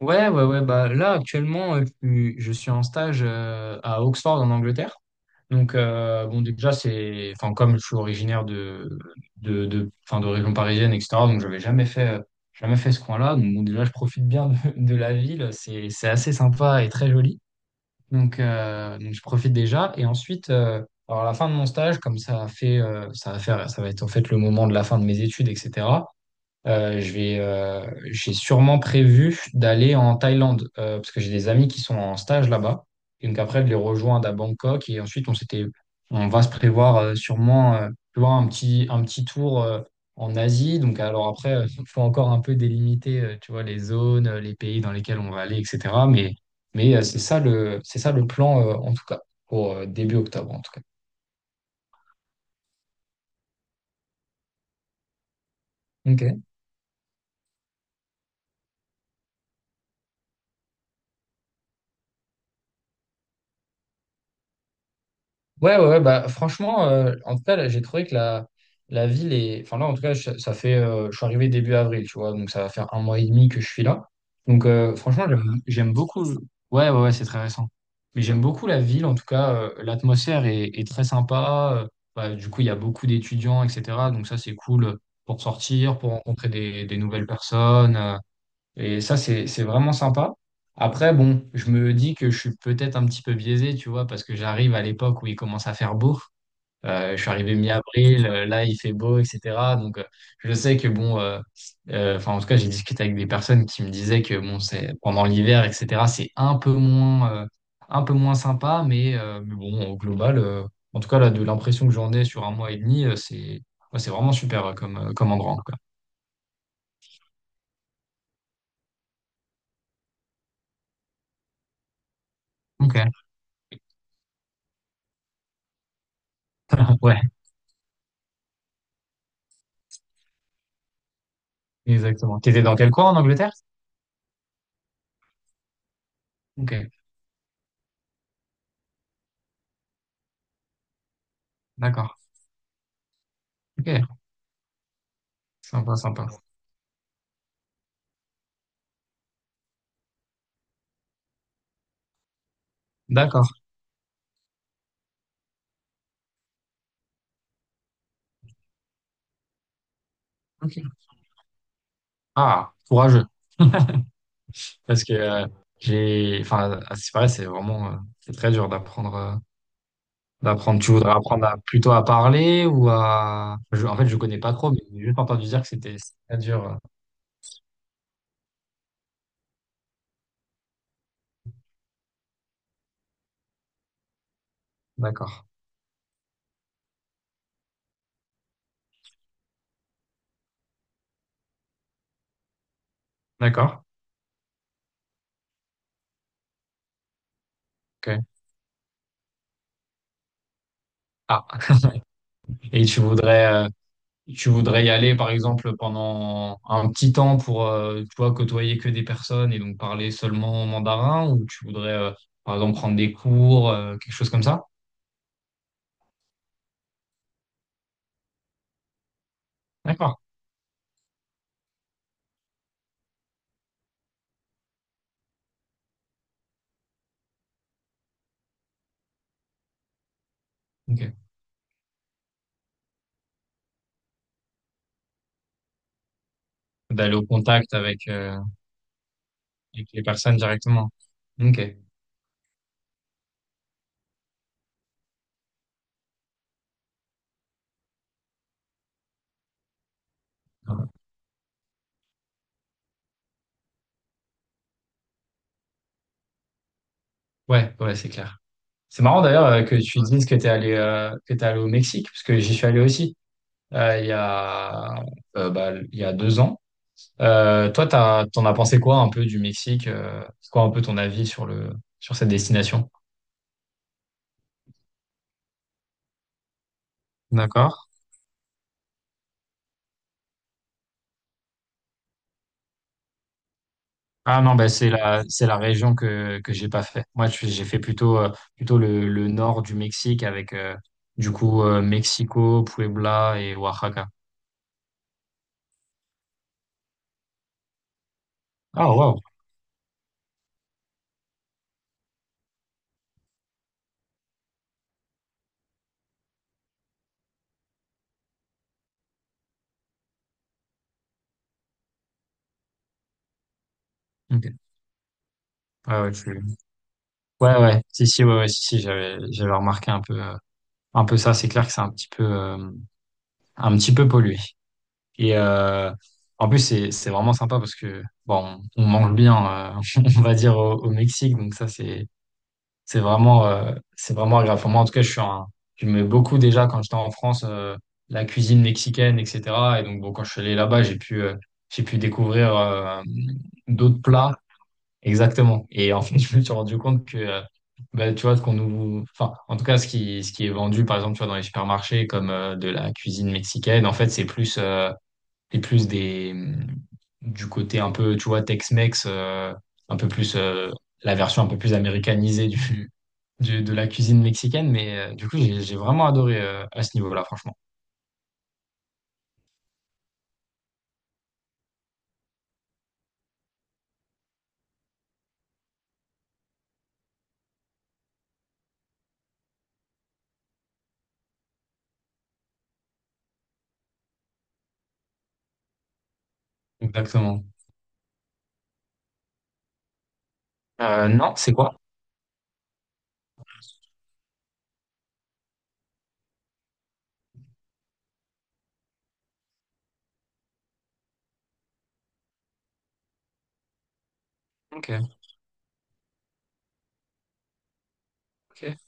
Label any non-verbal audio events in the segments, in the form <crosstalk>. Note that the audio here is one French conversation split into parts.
Ouais, ouais, ouais. Bah, là, actuellement, je suis en stage à Oxford, en Angleterre. Bon, déjà, c'est, enfin, comme je suis originaire de, enfin, de région parisienne, etc., donc j'avais jamais fait, jamais fait ce coin-là. Donc, bon, déjà, je profite bien de la ville. C'est assez sympa et très joli. Donc je profite déjà. Et ensuite, alors, à la fin de mon stage, comme ça a fait, ça va faire, ça va être en fait le moment de la fin de mes études, etc. Euh, je vais, euh, j'ai sûrement prévu d'aller en Thaïlande parce que j'ai des amis qui sont en stage là-bas. Et donc après, de les rejoindre à Bangkok et ensuite on va se prévoir tu vois, un petit tour en Asie. Donc alors après, il <laughs> faut encore un peu délimiter, tu vois, les zones, les pays dans lesquels on va aller, etc. Mais c'est ça c'est ça le plan en tout cas pour début octobre en tout cas. Ok. Ouais, ouais, ouais, bah, franchement, en tout cas, là, j'ai trouvé que la ville est… Enfin, là, en tout cas, je- ça fait. Je suis arrivé début avril, tu vois, donc ça va faire un mois et demi que je suis là. Donc, franchement, j'aime j'aime beaucoup. Ouais, ouais, ouais, c'est très récent. Mais j'aime beaucoup la ville, en tout cas, l'atmosphère est, est très sympa. Bah, du coup, il y a beaucoup d'étudiants, etc. Donc ça, c'est cool pour sortir, pour rencontrer des nouvelles personnes. Et ça, c'est vraiment sympa. Après, bon, je me dis que je suis peut-être un petit peu biaisé, tu vois, parce que j'arrive à l'époque où il commence à faire beau. Je suis arrivé mi-avril, là, il fait beau, etc. Donc, je sais que, bon, enfin, en tout cas, j'ai discuté avec des personnes qui me disaient que, bon, c'est pendant l'hiver, etc., c'est un peu moins sympa, mais bon, au global, en tout cas, là, de l'impression que j'en ai sur un mois et demi, ouais, c'est vraiment super comme, comme endroit, quoi. Ok. <laughs> Ouais, exactement. T'étais dans quel coin en Angleterre? Ok, d'accord. Ok, sympa, sympa. D'accord. Ok. Ah, courageux. Parce que enfin, à ce qui paraît, c'est vraiment, c'est très dur d'apprendre. Tu voudrais apprendre à- plutôt à parler ou à… En fait, je connais pas trop, mais j'ai juste entendu dire que c'était c'est très dur. D'accord. D'accord. Ok. Ah, et tu voudrais y aller, par exemple, pendant un petit temps pour, tu vois, côtoyer que des personnes et donc parler seulement mandarin, ou tu voudrais, par exemple, prendre des cours, quelque chose comme ça? D'accord. Ok. D'aller au contact avec, avec les personnes directement. Ok. Ouais, ouais, c'est clair. C'est marrant d'ailleurs que tu dises que t'es allé au Mexique, parce que j'y suis allé aussi il y a il y a deux ans. Toi, t'en as pensé quoi un peu du Mexique? C'est quoi un peu ton avis sur le sur cette destination? D'accord. Ah non, bah c'est c'est la région que j'ai pas fait. Moi, j'ai fait plutôt, plutôt le nord du Mexique avec, Mexico, Puebla et Oaxaca. Ah, wow. Ok. Ouais, ouais, tu- ouais, ouais. Si, si, ouais, ouais, si, si, j'avais remarqué un peu ça. C'est clair que c'est un petit peu pollué. Et, en plus, c'est vraiment sympa parce que, bon, on mange bien, euh, <laughs> on va dire au Mexique. Donc ça, c'est… c'est vraiment agréable. Enfin, moi, en tout cas, j'aimais beaucoup déjà quand j'étais en France, la cuisine mexicaine, etc. Et donc, bon, quand je suis allé là-bas, j'ai pu découvrir, d'autres plats. Exactement. Et en fait, <laughs> je me suis rendu compte que, bah, tu vois, enfin, en tout cas, ce qui est vendu, par exemple, tu vois, dans les supermarchés, comme, de la cuisine mexicaine, en fait, c'est plus des, du côté un peu, tu vois, Tex-Mex, un peu plus, la version un peu plus américanisée de la cuisine mexicaine, mais du coup, j'ai vraiment adoré à ce niveau-là, franchement. Exactement. Non, c'est quoi? Ok, ok,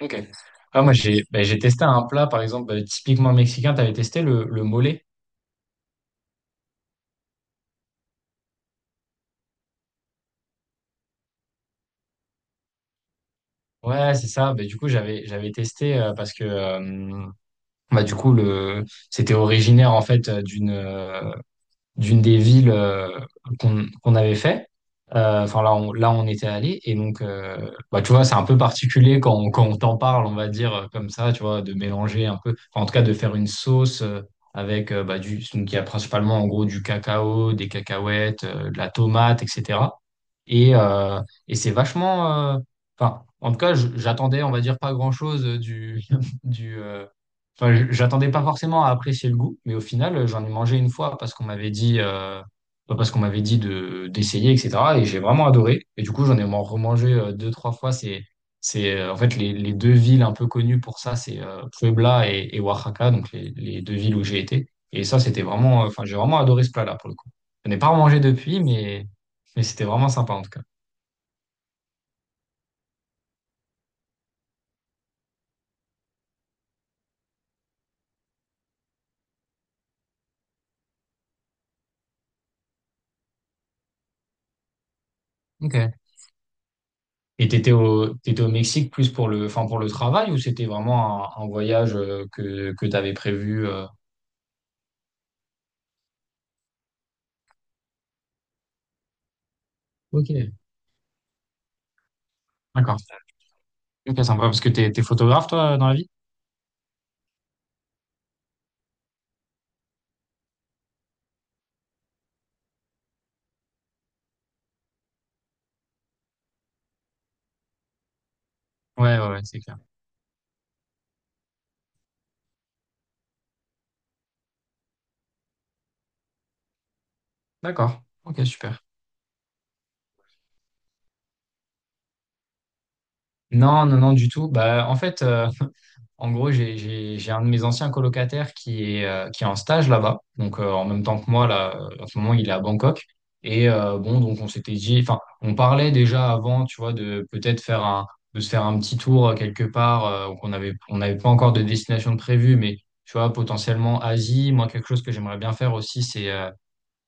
ok. Ah, moi, j'ai testé un plat, par exemple, ben, typiquement mexicain, tu avais testé le mole. Ouais, c'est ça. Ben, du coup, j'avais j'avais testé parce que bah, du coup, le c'était originaire en fait d'une d'une des villes qu'on qu'on avait fait. Enfin, là, là, on était allé. Et donc, bah, tu vois, c'est un peu particulier quand, quand on t'en parle, on va dire comme ça, tu vois, de mélanger un peu, enfin, en tout cas, de faire une sauce donc, il y a principalement, en gros, du cacao, des cacahuètes, de la tomate, etc. Et, euh, et c'est vachement… Enfin, en tout cas, j'attendais, on va dire, pas grand-chose <laughs> du, euh, Enfin, j'attendais pas forcément à apprécier le goût, mais au final, j'en ai mangé une fois parce qu'on m'avait dit, de d'essayer, etc. Et j'ai vraiment adoré. Et du coup, j'en ai remangé deux, trois fois. C'est En fait les deux villes un peu connues pour ça, c'est Puebla et Oaxaca, donc les deux villes où j'ai été. Et ça, c'était vraiment, enfin, j'ai vraiment adoré ce plat-là pour le coup. Je n'ai pas remangé depuis, mais c'était vraiment sympa en tout cas. Ok. Et t'étais au Mexique plus pour le, enfin pour le travail, ou c'était vraiment un voyage que t'avais prévu Ok, d'accord. Ok, sympa. Parce que t'es photographe, toi, dans la vie? Ouais, ouais, ouais, c'est clair. D'accord. Ok, super. Non, non, non, du tout. Bah, en fait, En gros, j'ai un de mes anciens colocataires qui est en stage là-bas. Donc, en même temps que moi, là, en ce moment, il est à Bangkok. Et bon, donc, enfin, on parlait déjà avant, tu vois, de peut-être faire de se faire un petit tour quelque part. Qu'on avait, on n'avait pas encore de destination de prévue, mais tu vois, potentiellement Asie. Moi, quelque chose que j'aimerais bien faire aussi,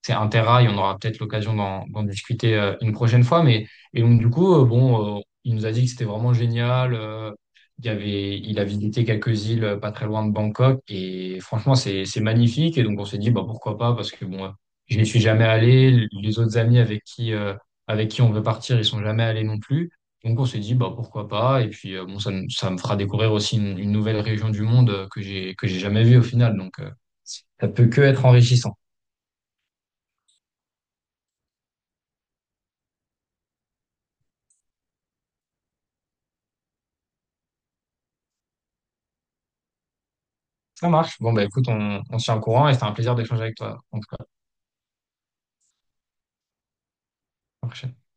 c'est un terrail, on aura peut-être l'occasion d'en discuter une prochaine fois. Mais et donc du coup, il nous a dit que c'était vraiment génial. Il y avait, il a visité quelques îles pas très loin de Bangkok et franchement, c'est magnifique. Et donc on s'est dit, bah pourquoi pas, parce que bon, je n'y suis jamais allé. Les autres amis avec qui on veut partir, ils sont jamais allés non plus. Donc on s'est dit bah pourquoi pas et puis ça me fera découvrir aussi une nouvelle région du monde que j'ai jamais vue au final donc ça peut que être enrichissant. Ça marche. Bon, bah écoute, on se tient au courant et c'était un plaisir d'échanger avec toi, en tout cas.